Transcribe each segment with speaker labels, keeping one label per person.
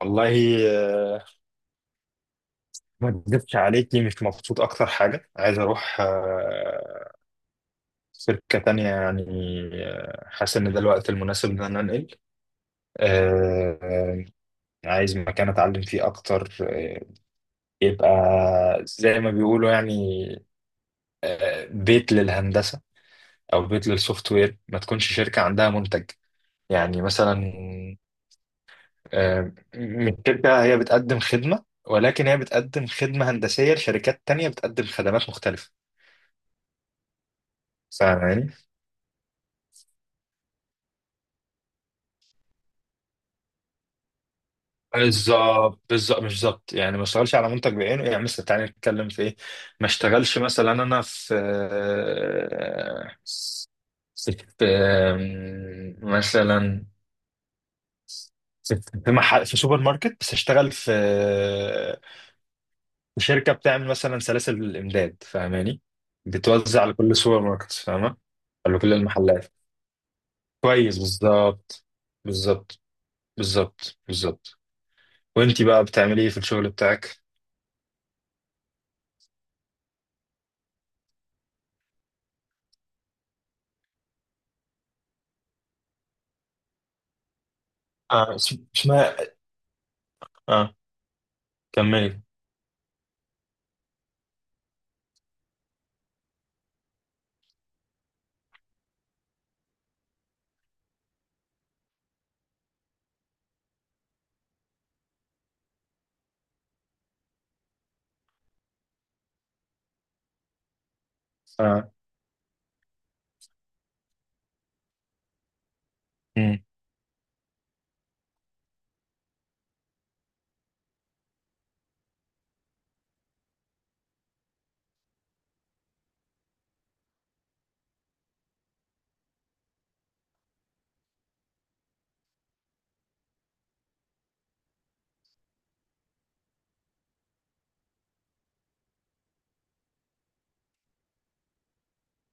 Speaker 1: والله آه، ما اكذبش عليكي. مش مبسوط، اكتر حاجه عايز اروح شركه تانية يعني. حاسس ان ده الوقت المناسب ان انا انقل. آه، آه، عايز مكان اتعلم فيه اكتر. يبقى زي ما بيقولوا يعني بيت للهندسه او بيت للسوفت وير، ما تكونش شركه عندها منتج يعني مثلا. آه، الشركه هي بتقدم خدمه، ولكن هي بتقدم خدمة هندسية لشركات تانية بتقدم خدمات مختلفة. فاهم يعني؟ بالظبط بالظبط، مش بالظبط يعني. ما اشتغلش على منتج بعينه يعني، مثلا تعالى نتكلم في ايه. ما اشتغلش مثلا انا في مثلا في في محل، في سوبر ماركت، بس اشتغل في شركه بتعمل مثلا سلاسل الامداد، فاهماني؟ بتوزع لكل السوبر ماركت، فاهمه؟ ولا كل المحلات؟ كويس بالظبط، بالظبط بالظبط بالظبط. وانتي بقى بتعملي ايه في الشغل بتاعك؟ اسماء، اه كملي. آه. مم.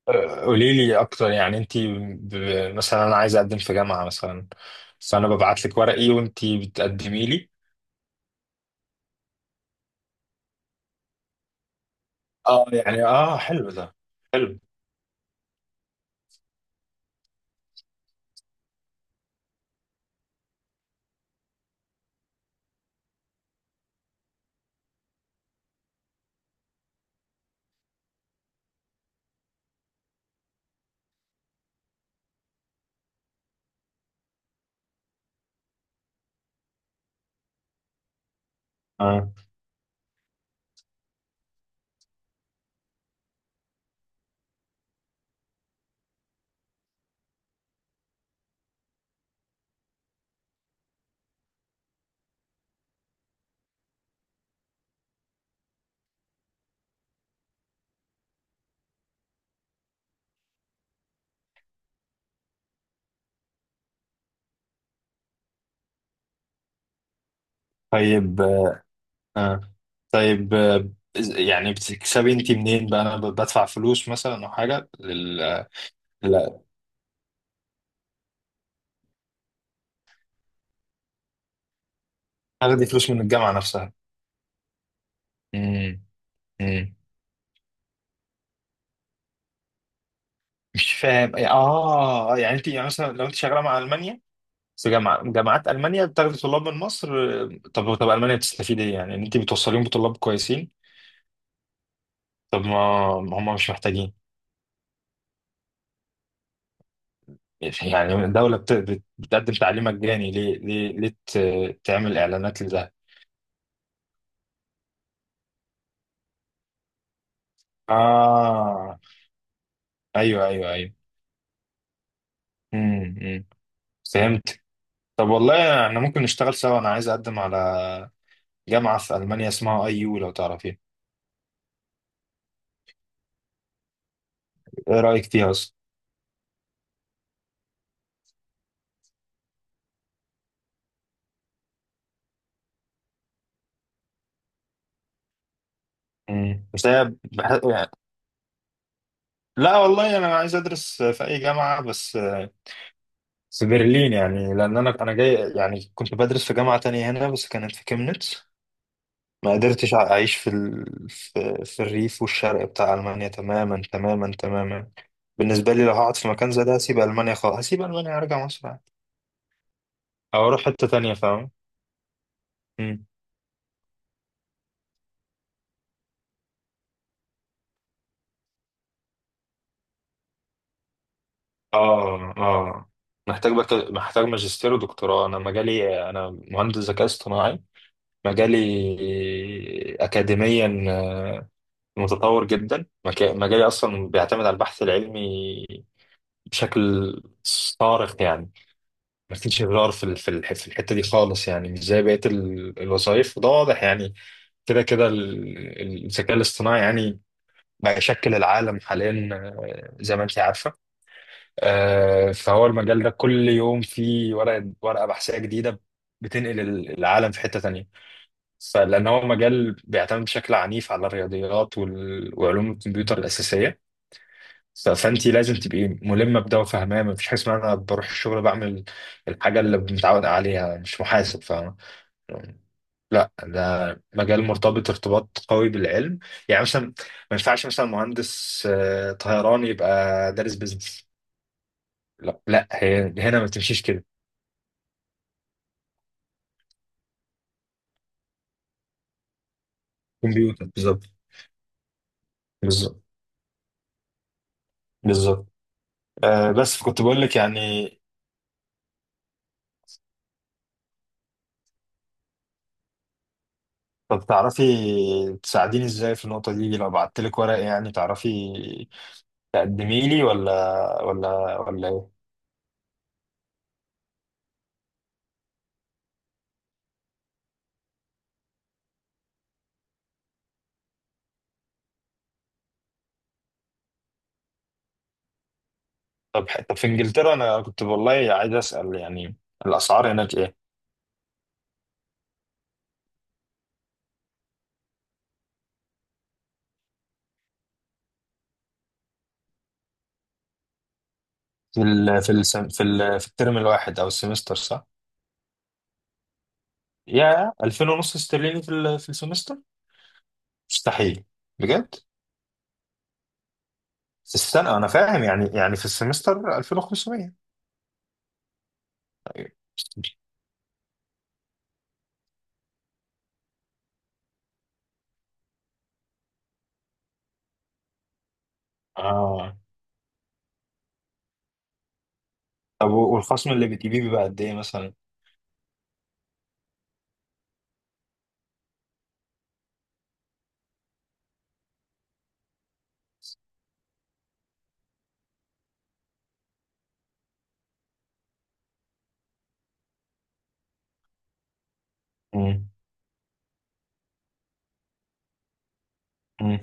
Speaker 1: قولي لي اكتر، يعني انت مثلا انا عايز اقدم في جامعه مثلا، فانا ببعت لك ورقي وانت بتقدمي لي؟ اه يعني حلو ده، حلو. اه طيب. آه. طيب يعني بتكسبي انت منين بقى؟ انا بدفع فلوس مثلا او حاجه لا، اخدي فلوس من الجامعه نفسها؟ مم. مم. مش فاهم. اه يعني انت يعني مثلا لو انت شغاله مع المانيا، بس جامعات ألمانيا بتاخد طلاب من مصر، طب طب ألمانيا بتستفيد إيه يعني إن أنت بتوصليهم بطلاب كويسين؟ طب ما هم مش محتاجين؟ يعني الدولة بتقدم تعليم مجاني. ليه ليه ليه تعمل إعلانات لده؟ آه أيوه أيوه أيوه. أمم. فهمت. طب والله، إحنا ممكن نشتغل سوا، أنا عايز أقدم على جامعة في ألمانيا اسمها أي يو، لو تعرفيها. إيه رأيك فيها أصلا؟ بس هي يعني، لا والله أنا عايز أدرس في أي جامعة بس، بس برلين يعني. لان انا جاي يعني، كنت بدرس في جامعه تانية هنا بس كانت في كيمنتس. ما قدرتش اعيش في الريف والشرق بتاع المانيا. تماما تماما تماما بالنسبه لي، لو هقعد في مكان زي ده هسيب المانيا خالص، هسيب المانيا هرجع مصر عادي، او اروح حته تانية، فاهم؟ مم. اه اه، محتاج محتاج ماجستير ودكتوراه. انا مجالي، انا مهندس ذكاء اصطناعي، مجالي اكاديميا متطور جدا. مجالي اصلا بيعتمد على البحث العلمي بشكل صارخ يعني. ما فيش غيار في الحته دي خالص، يعني مش زي بقيه الوظائف، وده واضح يعني. كده كده الذكاء الاصطناعي يعني بقى يشكل العالم حاليا، زي ما انت عارفه. فهو المجال ده كل يوم فيه ورقه بحثيه جديده بتنقل العالم في حته تانيه. فلان هو مجال بيعتمد بشكل عنيف على الرياضيات وعلوم الكمبيوتر الاساسيه. فانت لازم تبقي ملمه بده وفاهماه. مفيش حاجه اسمها انا بروح الشغل بعمل الحاجه اللي متعود عليها، مش محاسب فاهم. لا، ده مجال مرتبط ارتباط قوي بالعلم. يعني مثلا ما ينفعش مثلا مهندس طيران يبقى دارس بيزنس. لا لا، هي هنا ما تمشيش كده. كمبيوتر بالظبط. بالظبط بالظبط. بس كنت بقول لك يعني، طب تعرفي تساعديني ازاي في النقطة دي، لو بعت لك ورق يعني تعرفي تقدمي لي ولا ايه؟ طب في انجلترا، انا كنت والله عايز اسال يعني الاسعار هناك ايه؟ في الترم الواحد او السمستر صح؟ يا 2000 ونص استرليني في السمستر؟ مستحيل، بجد؟ في السنه انا فاهم يعني. في السمستر 2500؟ اه. طب والخصم اللي بتجيبيه بيبقى قد ايه مثلا؟ مم. مم.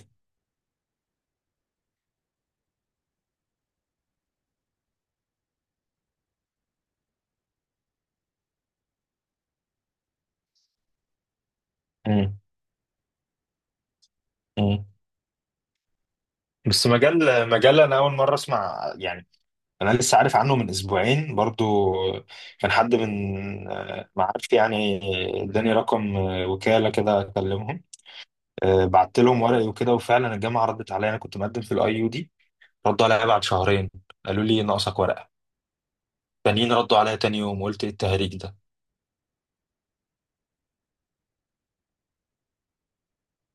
Speaker 1: مم. مم. بس مجال انا اول مره اسمع يعني، انا لسه عارف عنه من اسبوعين برضو. كان حد من معارفي يعني، اداني رقم وكالة كده اكلمهم. بعت لهم ورقي وكده، وفعلا الجامعة ردت عليا. انا كنت مقدم في الاي يو دي، ردوا عليا بعد شهرين قالوا لي ناقصك ورقة، تانيين ردوا عليا تاني يوم، وقلت ايه التهريج ده.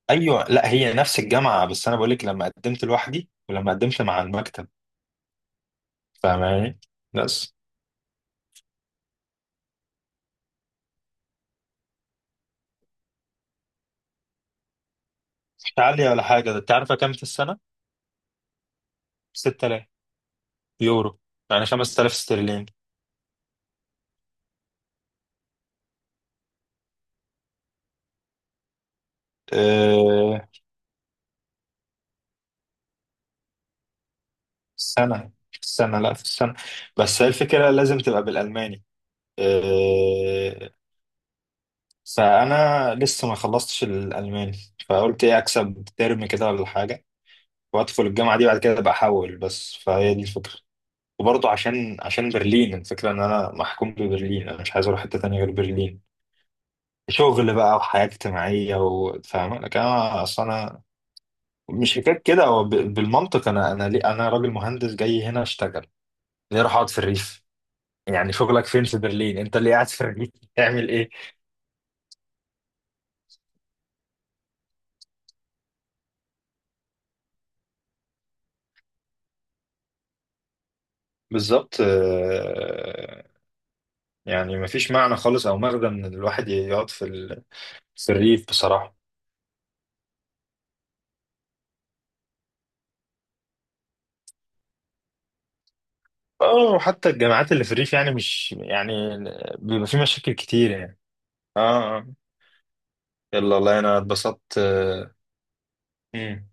Speaker 1: ايوه، لا هي نفس الجامعة، بس انا بقول لك لما قدمت لوحدي ولما قدمت مع المكتب، فاهماني؟ بس مش عالية ولا حاجة. ده انت عارفة كام في السنة؟ 6000 يورو، يعني 5000 استرليني. آه، السنة، في السنة، لا في السنة. بس هي الفكرة لازم تبقى بالألماني، إيه، فأنا لسه ما خلصتش الألماني، فقلت إيه أكسب ترم كده ولا حاجة، وأدخل الجامعة دي بعد كده أبقى أحول، بس فهي دي الفكرة. وبرضه عشان برلين، الفكرة إن أنا محكوم ببرلين، أنا مش عايز أروح حتة تانية غير برلين، شغل بقى وحياة اجتماعية وفاهم. لكن أنا، أصل أنا مش حكاية كده، هو بالمنطق أنا، ليه أنا راجل مهندس جاي هنا أشتغل، ليه أروح أقعد في الريف؟ يعني شغلك فين في برلين؟ انت اللي قاعد في برلين تعمل ايه. بالظبط يعني مفيش معنى خالص او مغزى من الواحد يقعد في الريف بصراحه. اه، وحتى الجامعات اللي في الريف يعني، مش يعني بيبقى في مشاكل كتير يعني. اه. آه. يلا والله انا اتبسطت مم.